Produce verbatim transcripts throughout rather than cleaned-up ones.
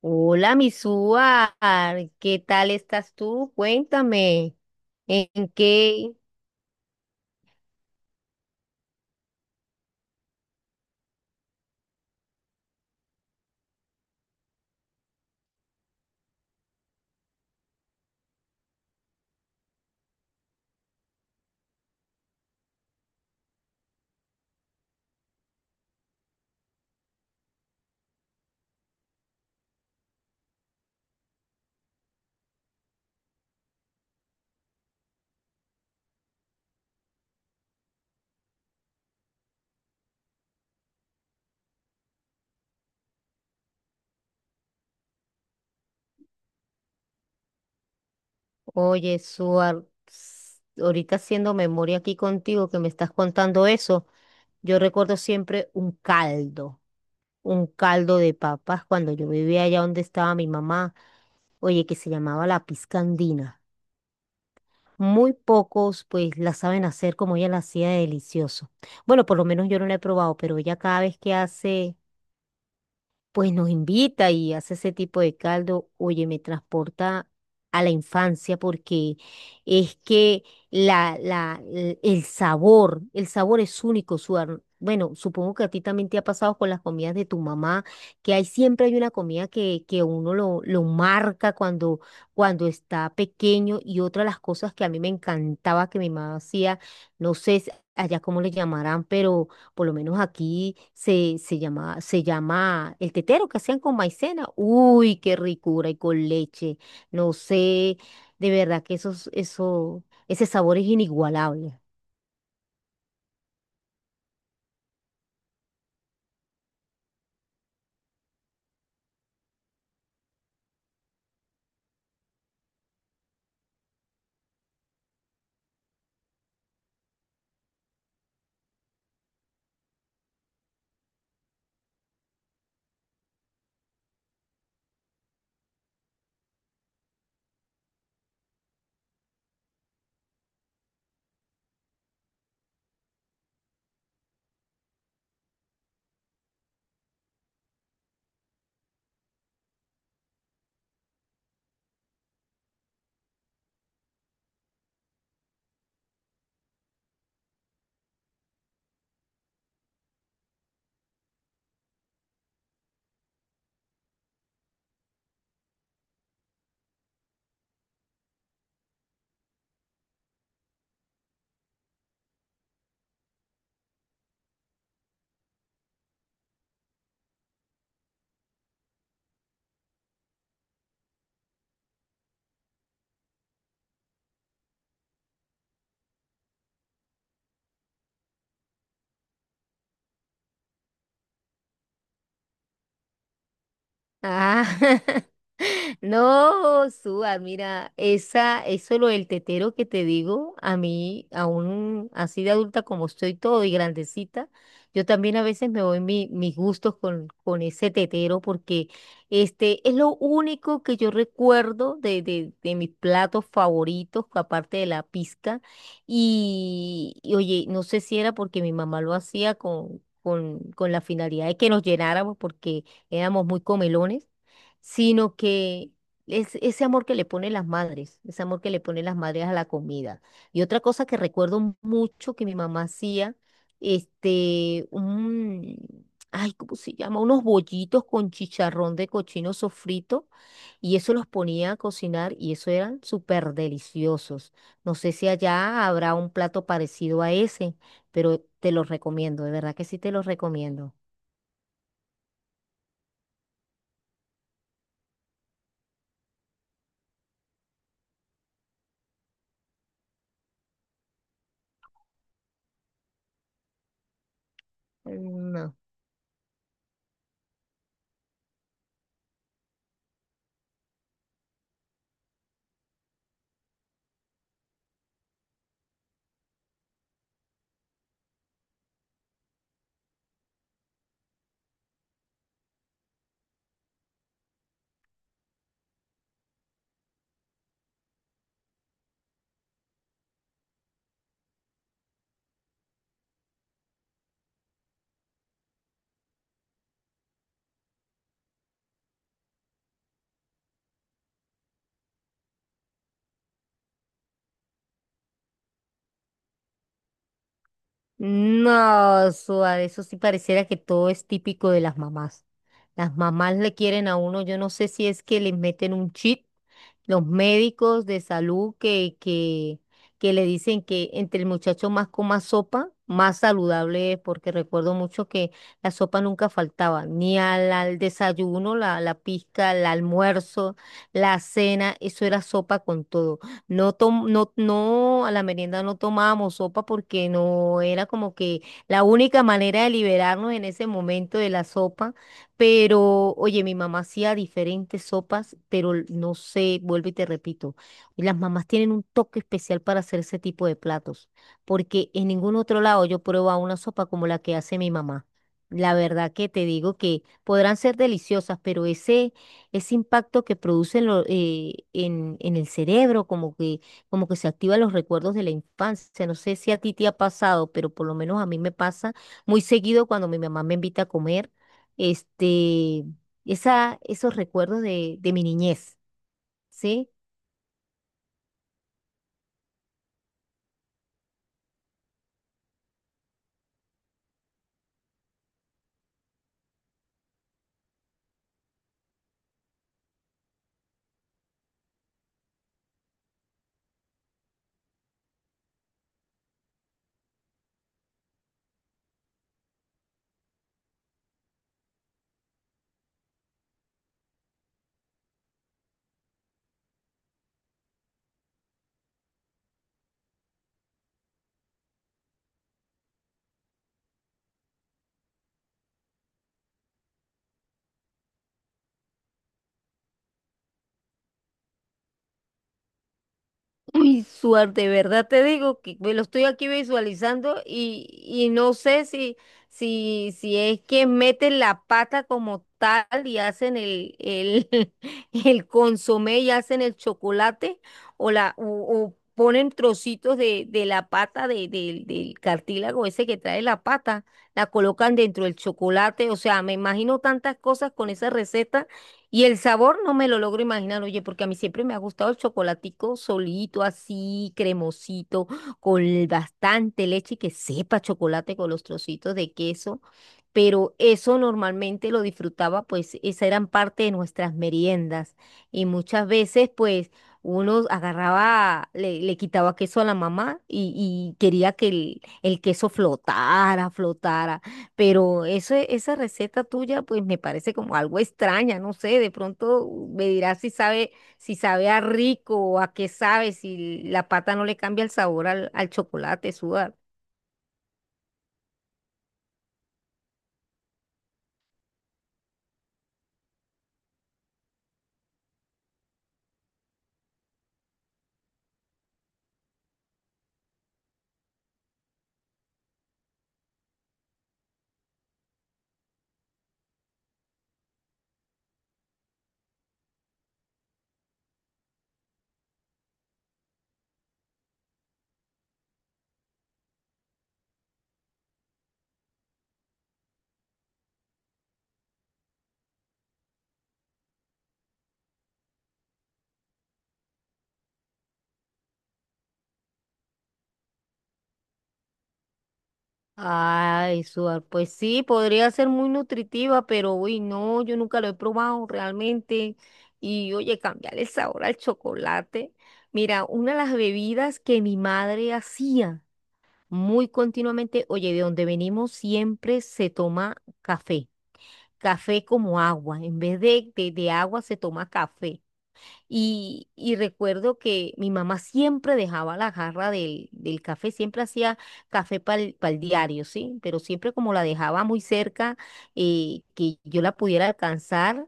Hola, Misúa, ¿qué tal estás tú? Cuéntame, ¿en qué? Oye, Suar, ps, ahorita haciendo memoria aquí contigo que me estás contando eso, yo recuerdo siempre un caldo, un caldo de papas cuando yo vivía allá donde estaba mi mamá, oye, que se llamaba la pizca andina. Muy pocos pues la saben hacer como ella la hacía de delicioso. Bueno, por lo menos yo no la he probado, pero ella cada vez que hace, pues nos invita y hace ese tipo de caldo. Oye, me transporta a la infancia porque es que la, la, l- el sabor, el sabor es único. su ar- Bueno, supongo que a ti también te ha pasado con las comidas de tu mamá, que hay siempre hay una comida que, que uno lo, lo marca cuando, cuando está pequeño. Y otra de las cosas que a mí me encantaba que mi mamá hacía, no sé si allá cómo le llamarán, pero por lo menos aquí se, se llama, se llama el tetero que hacían con maicena. Uy, qué ricura, y con leche. No sé, de verdad que esos, eso, ese sabor es inigualable. Ah, No, Suar, mira, esa, eso lo del tetero que te digo, a mí, aún así de adulta como estoy todo y grandecita, yo también a veces me voy mi- mis gustos con, con ese tetero porque este es lo único que yo recuerdo de de, de mis platos favoritos, aparte de la pizca. Y, y oye, no sé si era porque mi mamá lo hacía con, con, con la finalidad de que nos llenáramos porque éramos muy comelones, sino que es ese amor que le ponen las madres, ese amor que le ponen las madres a la comida. Y otra cosa que recuerdo mucho que mi mamá hacía, este, un, ay, ¿cómo se llama? Unos bollitos con chicharrón de cochino sofrito, y eso los ponía a cocinar y eso eran súper deliciosos. No sé si allá habrá un plato parecido a ese, pero te los recomiendo, de verdad que sí te los recomiendo. No. No, suave, eso sí pareciera que todo es típico de las mamás. Las mamás le quieren a uno. Yo no sé si es que les meten un chip los médicos de salud que, que, que le dicen que entre el muchacho más coma sopa, más saludable es, porque recuerdo mucho que la sopa nunca faltaba, ni al, al desayuno, la, la pizca, el almuerzo, la cena, eso era sopa con todo. No, tom- no, no, a la merienda no tomábamos sopa porque no era como que la única manera de liberarnos en ese momento de la sopa. Pero, oye, mi mamá hacía diferentes sopas, pero l- no sé, vuelvo y te repito, las mamás tienen un toque especial para hacer ese tipo de platos, porque en ningún otro lado yo pruebo a una sopa como la que hace mi mamá. La verdad que te digo que podrán ser deliciosas, pero ese, ese impacto que producen lo- eh, en, en el cerebro, como que, como que se activan los recuerdos de la infancia. No sé si a ti te ha pasado, pero por lo menos a mí me pasa muy seguido cuando mi mamá me invita a comer, este, esa, esos recuerdos de, de mi niñez, ¿sí? Uy, suerte, de verdad te digo que me lo estoy aquí visualizando, y, y no sé si, si, si es que meten la pata como tal y hacen el, el, el consomé y hacen el chocolate, o la, o, o ponen trocitos de, de la pata, de, del del cartílago ese que trae la pata, la colocan dentro del chocolate. O sea, me imagino tantas cosas con esa receta, y el sabor no me lo logro imaginar, oye, porque a mí siempre me ha gustado el chocolatico solito, así, cremosito, con bastante leche, y que sepa chocolate con los trocitos de queso. Pero eso normalmente lo disfrutaba, pues esa eran parte de nuestras meriendas. Y muchas veces, pues, uno agarraba, le, le quitaba queso a la mamá, y, y quería que el, el queso flotara, flotara. Pero eso, esa receta tuya, pues me parece como algo extraña, no sé. De pronto me dirás si sabe, si sabe a rico o a qué sabe, si la pata no le cambia el sabor al, al chocolate, sudar. Ay, sudar, pues sí, podría ser muy nutritiva, pero uy, no, yo nunca lo he probado realmente. Y oye, cambiar el sabor al chocolate. Mira, una de las bebidas que mi madre hacía muy continuamente, oye, de donde venimos siempre se toma café. Café como agua. En vez de, de- de agua se toma café. Y, y recuerdo que mi mamá siempre dejaba la jarra del, del café, siempre hacía café para el diario, ¿sí? Pero siempre como la dejaba muy cerca, eh, que yo la pudiera alcanzar,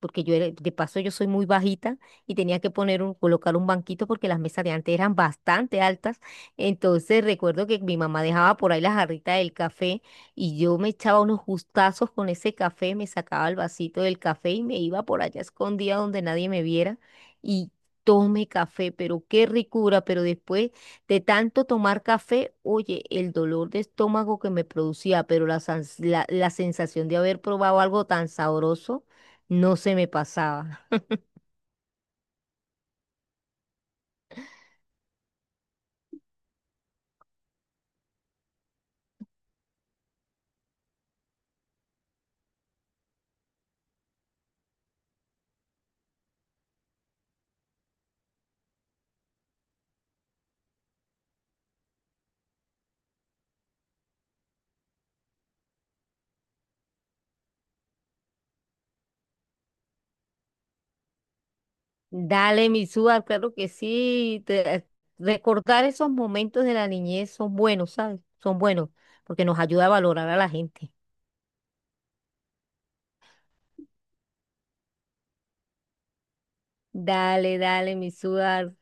porque yo era, de paso yo soy muy bajita, y tenía que poner un, colocar un banquito porque las mesas de antes eran bastante altas. Entonces recuerdo que mi mamá dejaba por ahí la jarrita del café, y yo me echaba unos gustazos con ese café, me sacaba el vasito del café y me iba por allá escondida donde nadie me viera, y tome café, pero qué ricura. Pero después de tanto tomar café, oye, el dolor de estómago que me producía, pero la, sans- la, la sensación de haber probado algo tan sabroso, no se me pasaba. Dale, mi Suar, claro que sí. Te- recordar esos momentos de la niñez son buenos, ¿sabes? Son buenos, porque nos ayuda a valorar a la gente. Dale, dale, mi Suar.